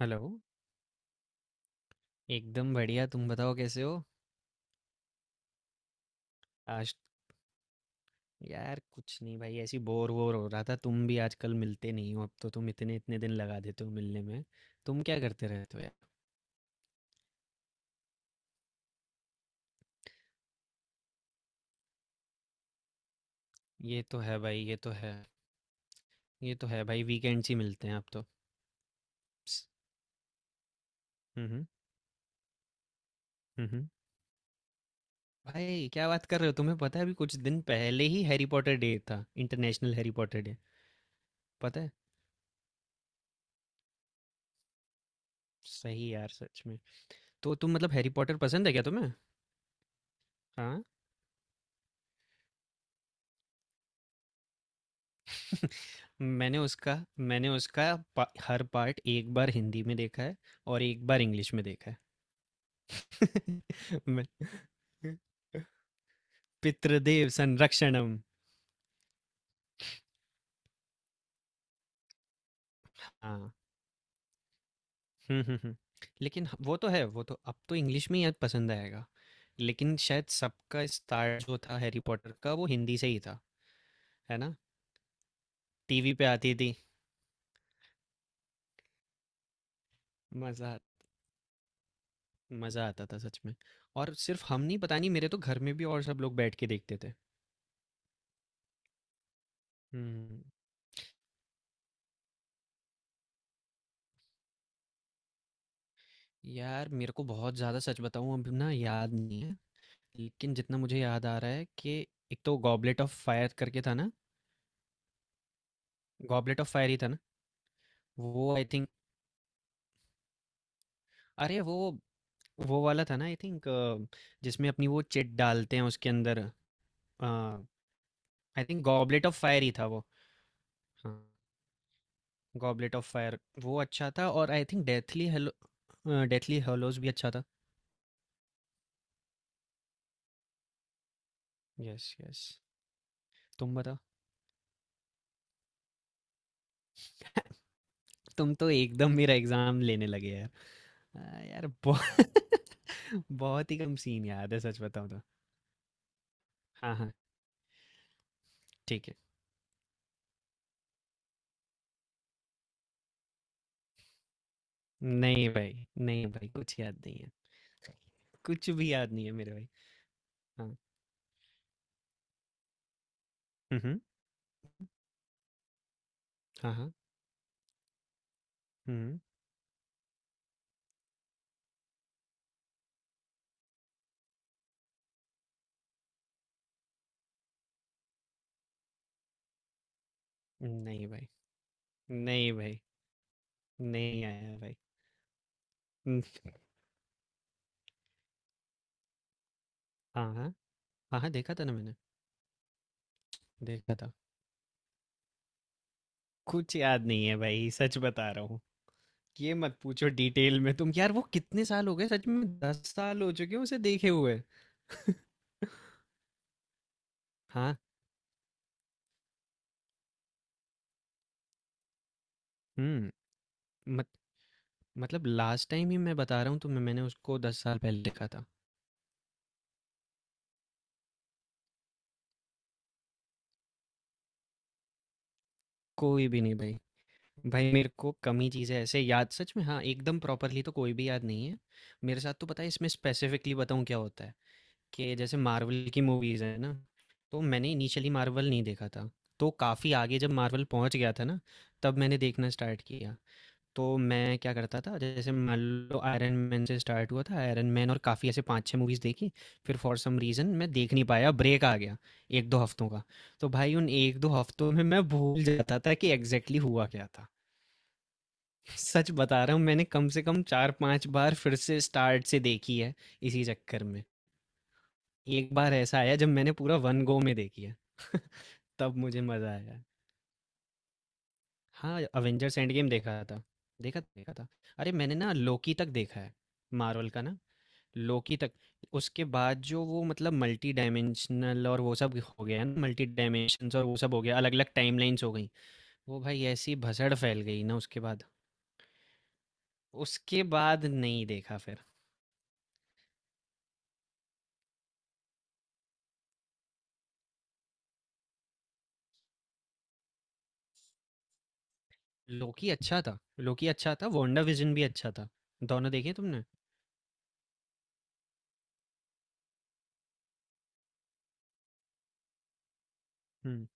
Hello. एकदम बढ़िया, तुम बताओ कैसे हो। आज? यार कुछ नहीं भाई, ऐसी बोर वोर हो रहा था। तुम भी आजकल मिलते नहीं हो, अब तो तुम इतने इतने दिन लगा देते हो मिलने में। तुम क्या करते रहते हो यार। ये तो है भाई ये तो है। ये तो है भाई, वीकेंड्स ही मिलते हैं आप तो। प्स, हम्म। हम्म। भाई क्या बात कर रहे हो! तुम्हें पता है अभी कुछ दिन पहले ही हैरी पॉटर डे था, इंटरनेशनल हैरी पॉटर डे। पता है। सही यार, सच में। तो तुम मतलब हैरी पॉटर पसंद है क्या तुम्हें? हाँ। मैंने उसका मैंने उसका हर पार्ट एक बार हिंदी में देखा है। और एक बार इंग्लिश में देखा है। मैं- पितृदेव संरक्षणम। हाँ। हम्म, हम्म, हम्म। लेकिन वो तो है, वो तो अब तो इंग्लिश में ही पसंद आएगा। लेकिन शायद सबका स्टार्ट जो था हैरी पॉटर का, वो हिंदी से ही था। है ना? टीवी पे आती थी। मज़ा मज़ा आता था सच में। और सिर्फ हम नहीं, पता नहीं, मेरे तो घर में भी और सब लोग बैठ के देखते थे। हम्म। यार मेरे को बहुत ज़्यादा, सच बताऊँ अभी ना याद नहीं है। लेकिन जितना मुझे याद आ रहा है कि एक तो गॉबलेट ऑफ फायर करके था ना। गॉबलेट ऑफ फायर ही था ना? वो आई थिंक, अरे वो वाला था ना आई थिंक, जिसमें अपनी वो चिट डालते हैं उसके अंदर। I think goblet of fire ही था वो। हाँ। गॉबलेट ऑफ फायर वो अच्छा था। और आई थिंक डेथली हेलोस भी अच्छा था। Yes yes. तुम बताओ। तुम तो एकदम मेरा एग्ज़ाम लेने लगे यार। हाँ, यार बहु बहुत ही कम सीन याद है सच बताऊँ तो। हाँ, हाँ, ठीक है। नहीं भाई, नहीं भाई कुछ याद नहीं है। कुछ भी याद नहीं है मेरे भाई। हाँ। हुँ, हुँ। हाँ, हाँ। हुँ। नहीं भाई, नहीं भाई, नहीं आया भाई। हुँ। हाँ, हाँ। हाँ, हाँ, देखा था ना मैंने, देखा था। कुछ याद नहीं है भाई, सच बता रहा हूँ। ये मत पूछो डिटेल में तुम यार, वो कितने साल हो गए सच में, 10 साल हो चुके हैं उसे देखे हुए। हाँ। हुँ। मत मतलब लास्ट टाइम ही मैं बता रहा हूँ तुम्हें, मैंने उसको 10 साल पहले देखा था। कोई भी नहीं भाई। भाई मेरे को कम ही चीज़ें ऐसे याद, सच में हाँ एकदम प्रॉपरली तो कोई भी याद नहीं है। मेरे साथ तो पता है इसमें स्पेसिफिकली बताऊँ क्या होता है कि जैसे मार्वल की मूवीज़ है ना। तो मैंने इनिशियली मार्वल नहीं देखा था, तो काफ़ी आगे जब मार्वल पहुंच गया था ना, तब मैंने देखना स्टार्ट किया। तो मैं क्या करता था, जैसे मान लो आयरन मैन से स्टार्ट हुआ था आयरन मैन, और काफ़ी ऐसे 5-6 मूवीज़ देखी। फिर फॉर सम रीज़न मैं देख नहीं पाया, ब्रेक आ गया 1-2 हफ्तों का। तो भाई उन 1-2 हफ्तों में मैं भूल जाता था कि एग्जैक्टली हुआ क्या था। सच बता रहा हूँ, मैंने कम से कम 4-5 बार फिर से स्टार्ट से देखी है इसी चक्कर में। एक बार ऐसा आया जब मैंने पूरा वन गो में देखी है। तब मुझे मज़ा आया। हाँ अवेंजर्स एंड गेम देखा था, देखा देखा था। अरे मैंने ना लोकी तक देखा है, मार्वल का ना, लोकी तक। उसके बाद जो वो मतलब मल्टी डायमेंशनल और वो सब हो गया ना, मल्टी डायमेंशंस और वो सब हो गया, अलग अलग टाइमलाइंस हो गई। वो भाई ऐसी भसड़ फैल गई ना उसके बाद, उसके बाद नहीं देखा फिर। लोकी अच्छा था। लोकी अच्छा था, वांडा विजन भी अच्छा था। दोनों देखे तुमने? हम्म,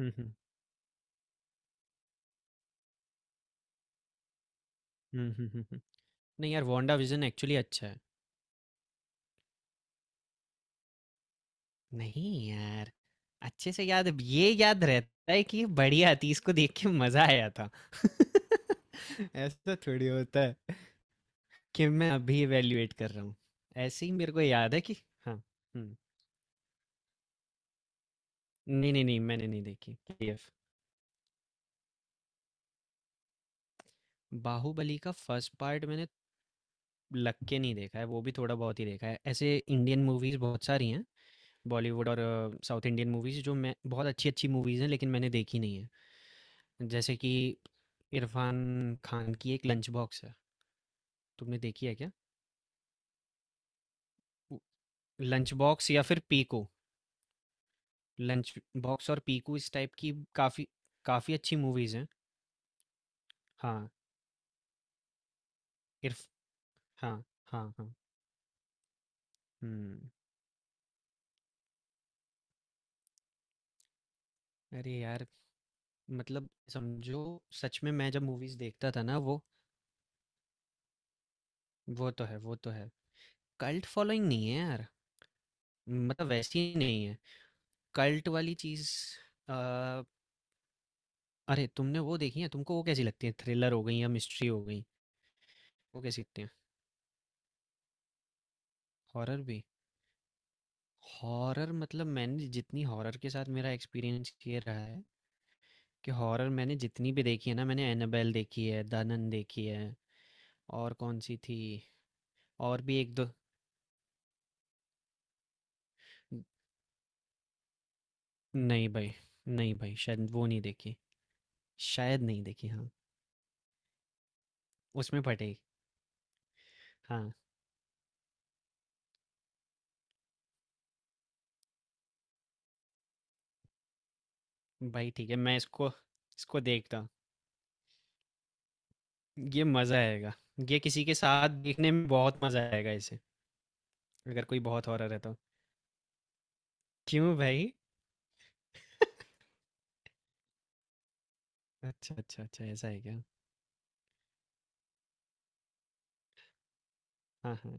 हम्म, हम्म, हम्म, हम्म, नहीं यार वांडा विजन एक्चुअली अच्छा है। नहीं यार, अच्छे से याद ये याद रहता है कि ये बढ़िया थी, इसको देख के मजा आया था। ऐसा थोड़ी होता है कि मैं अभी इवैल्यूएट कर रहा हूँ। ऐसे ही मेरे को याद है कि हाँ। हुँ। नहीं, नहीं, नहीं मैंने नहीं देखी केजीएफ। बाहुबली का फर्स्ट पार्ट मैंने लग के नहीं देखा है, वो भी थोड़ा बहुत ही देखा है। ऐसे इंडियन मूवीज़ बहुत सारी हैं, बॉलीवुड और साउथ इंडियन मूवीज़ जो मैं, बहुत अच्छी-अच्छी मूवीज़ हैं लेकिन मैंने देखी नहीं है। जैसे कि इरफान खान की एक लंच बॉक्स है, तुमने देखी है क्या? उ लंच बॉक्स या फिर पीकू। लंच बॉक्स और पीकू इस टाइप की काफ़ी काफ़ी अच्छी मूवीज़ हैं। हाँ, इरफ हाँ, हाँ, हाँ। हुँ। अरे यार! मतलब समझो, सच में मैं जब मूवीज़ देखता था ना वो तो है, वो तो है। कल्ट फॉलोइंग नहीं है यार, मतलब वैसी नहीं है। कल्ट वाली चीज़। अ, अरे तुमने वो देखी है? तुमको वो कैसी लगती है? थ्रिलर हो गई या मिस्ट्री हो गई, वो कैसी लगती हैं? हॉरर भी? हॉरर मतलब मैंने जितनी, हॉरर के साथ मेरा एक्सपीरियंस ये रहा है कि हॉरर मैंने जितनी भी देखी है ना, मैंने एनाबेल देखी है, दनन देखी है, और कौन-सी थी, और भी 1-2। नहीं भाई, नहीं भाई शायद वो नहीं देखी। शायद नहीं देखी, हाँ। उसमें फटेगी। हाँ। भाई ठीक है मैं इसको इसको देखता हूँ। ये मज़ा आएगा, ये किसी के साथ देखने में बहुत मज़ा आएगा इसे। अगर कोई बहुत हॉरर है तो? क्यों भाई? अच्छा अच्छा अच्छा, ऐसा है क्या? हाँ हाँ।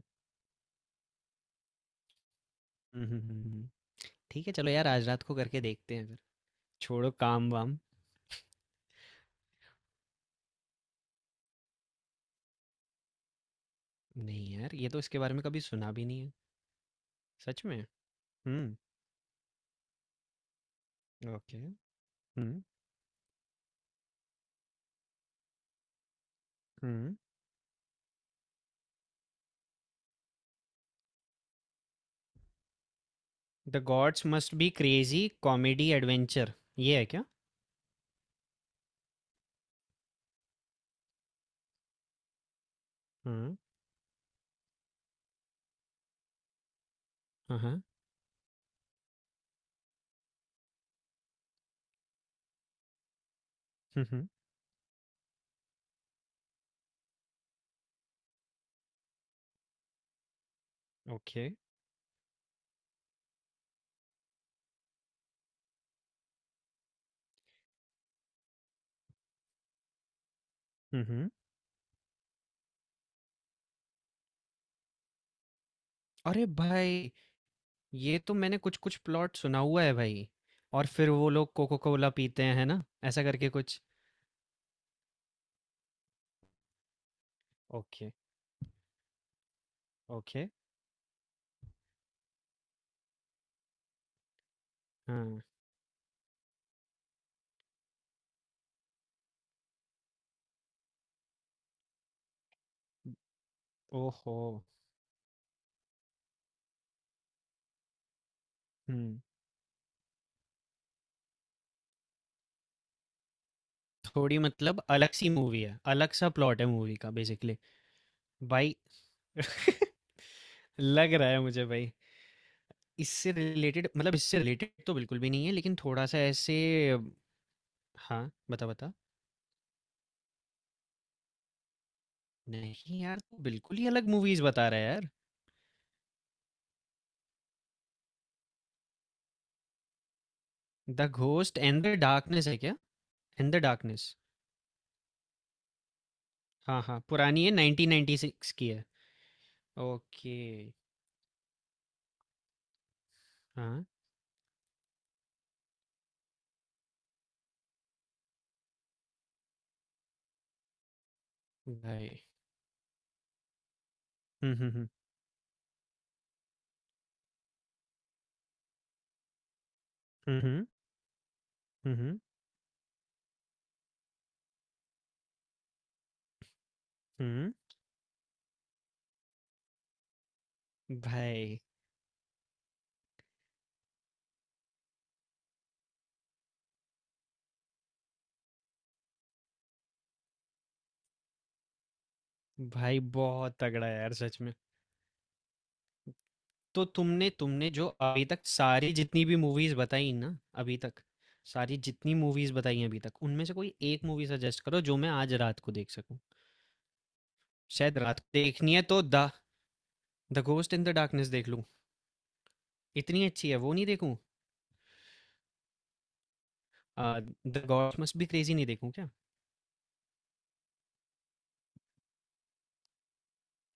हम्म, हम्म, हम्म, हम्म। ठीक है चलो यार, आज रात को करके देखते हैं फिर। छोड़ो काम वाम। नहीं यार, ये तो इसके बारे में कभी सुना भी नहीं है। सच में। Hmm. Okay. Hmm. Hmm. The gods must be crazy comedy adventure, ये है क्या? हम्म। हाँ हाँ। हम्म, हम्म। ओके। हम्म, अरे भाई, ये तो मैंने कुछ कुछ प्लॉट सुना हुआ है भाई। और फिर वो लोग कोको कोला पीते हैं है ना, ऐसा करके कुछ? ओके। ओके। हाँ। ओहो। हम्म। थोड़ी मतलब अलग सी मूवी है, अलग सा प्लॉट है मूवी का बेसिकली। भाई लग रहा है मुझे भाई। इससे रिलेटेड, मतलब इससे रिलेटेड तो बिल्कुल भी नहीं है लेकिन थोड़ा सा ऐसे। हाँ, बता, बता। नहीं यार, तू बिल्कुल ही अलग मूवीज़ बता रहा है यार। The ghost and the darkness है क्या? In the darkness. हाँ, हाँ, पुरानी है, 1996 की है। ओके। हाँ, भाई। हुँ, हुँ, हुँ। हुँ, हुँ। हुँ, हुँ। हुँ। भाई, भाई बहुत तगड़ा है यार सच में। तो तुमने तुमने जो अभी तक सारी जितनी भी मूवीज़ बताई ना अभी तक, सारी जितनी मूवीज़ बताई हैं अभी तक, उनमें से कोई एक मूवी सजेस्ट करो जो मैं आज रात को देख सकूँ। शायद रात को देखनी है तो the the ghost in the darkness देख लूँ। इतनी अच्छी है वो, नहीं देखूँ? The gods must be crazy नहीं देखूँ क्या?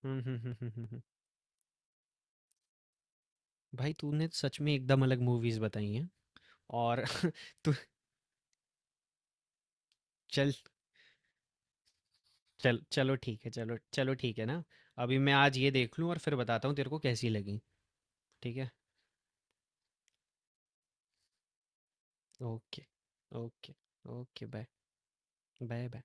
हम्म, हम्म, हम्म, हम्म, भाई तूने तो सच में एकदम अलग मूवीज बताई हैं। और तू, चल चल चलो ठीक है, चलो चलो ठीक है ना। अभी मैं आज ये देख लूँ और फिर बताता हूँ तेरे को कैसी लगी। ठीक है। Okay. Okay. Okay bye. Bye bye.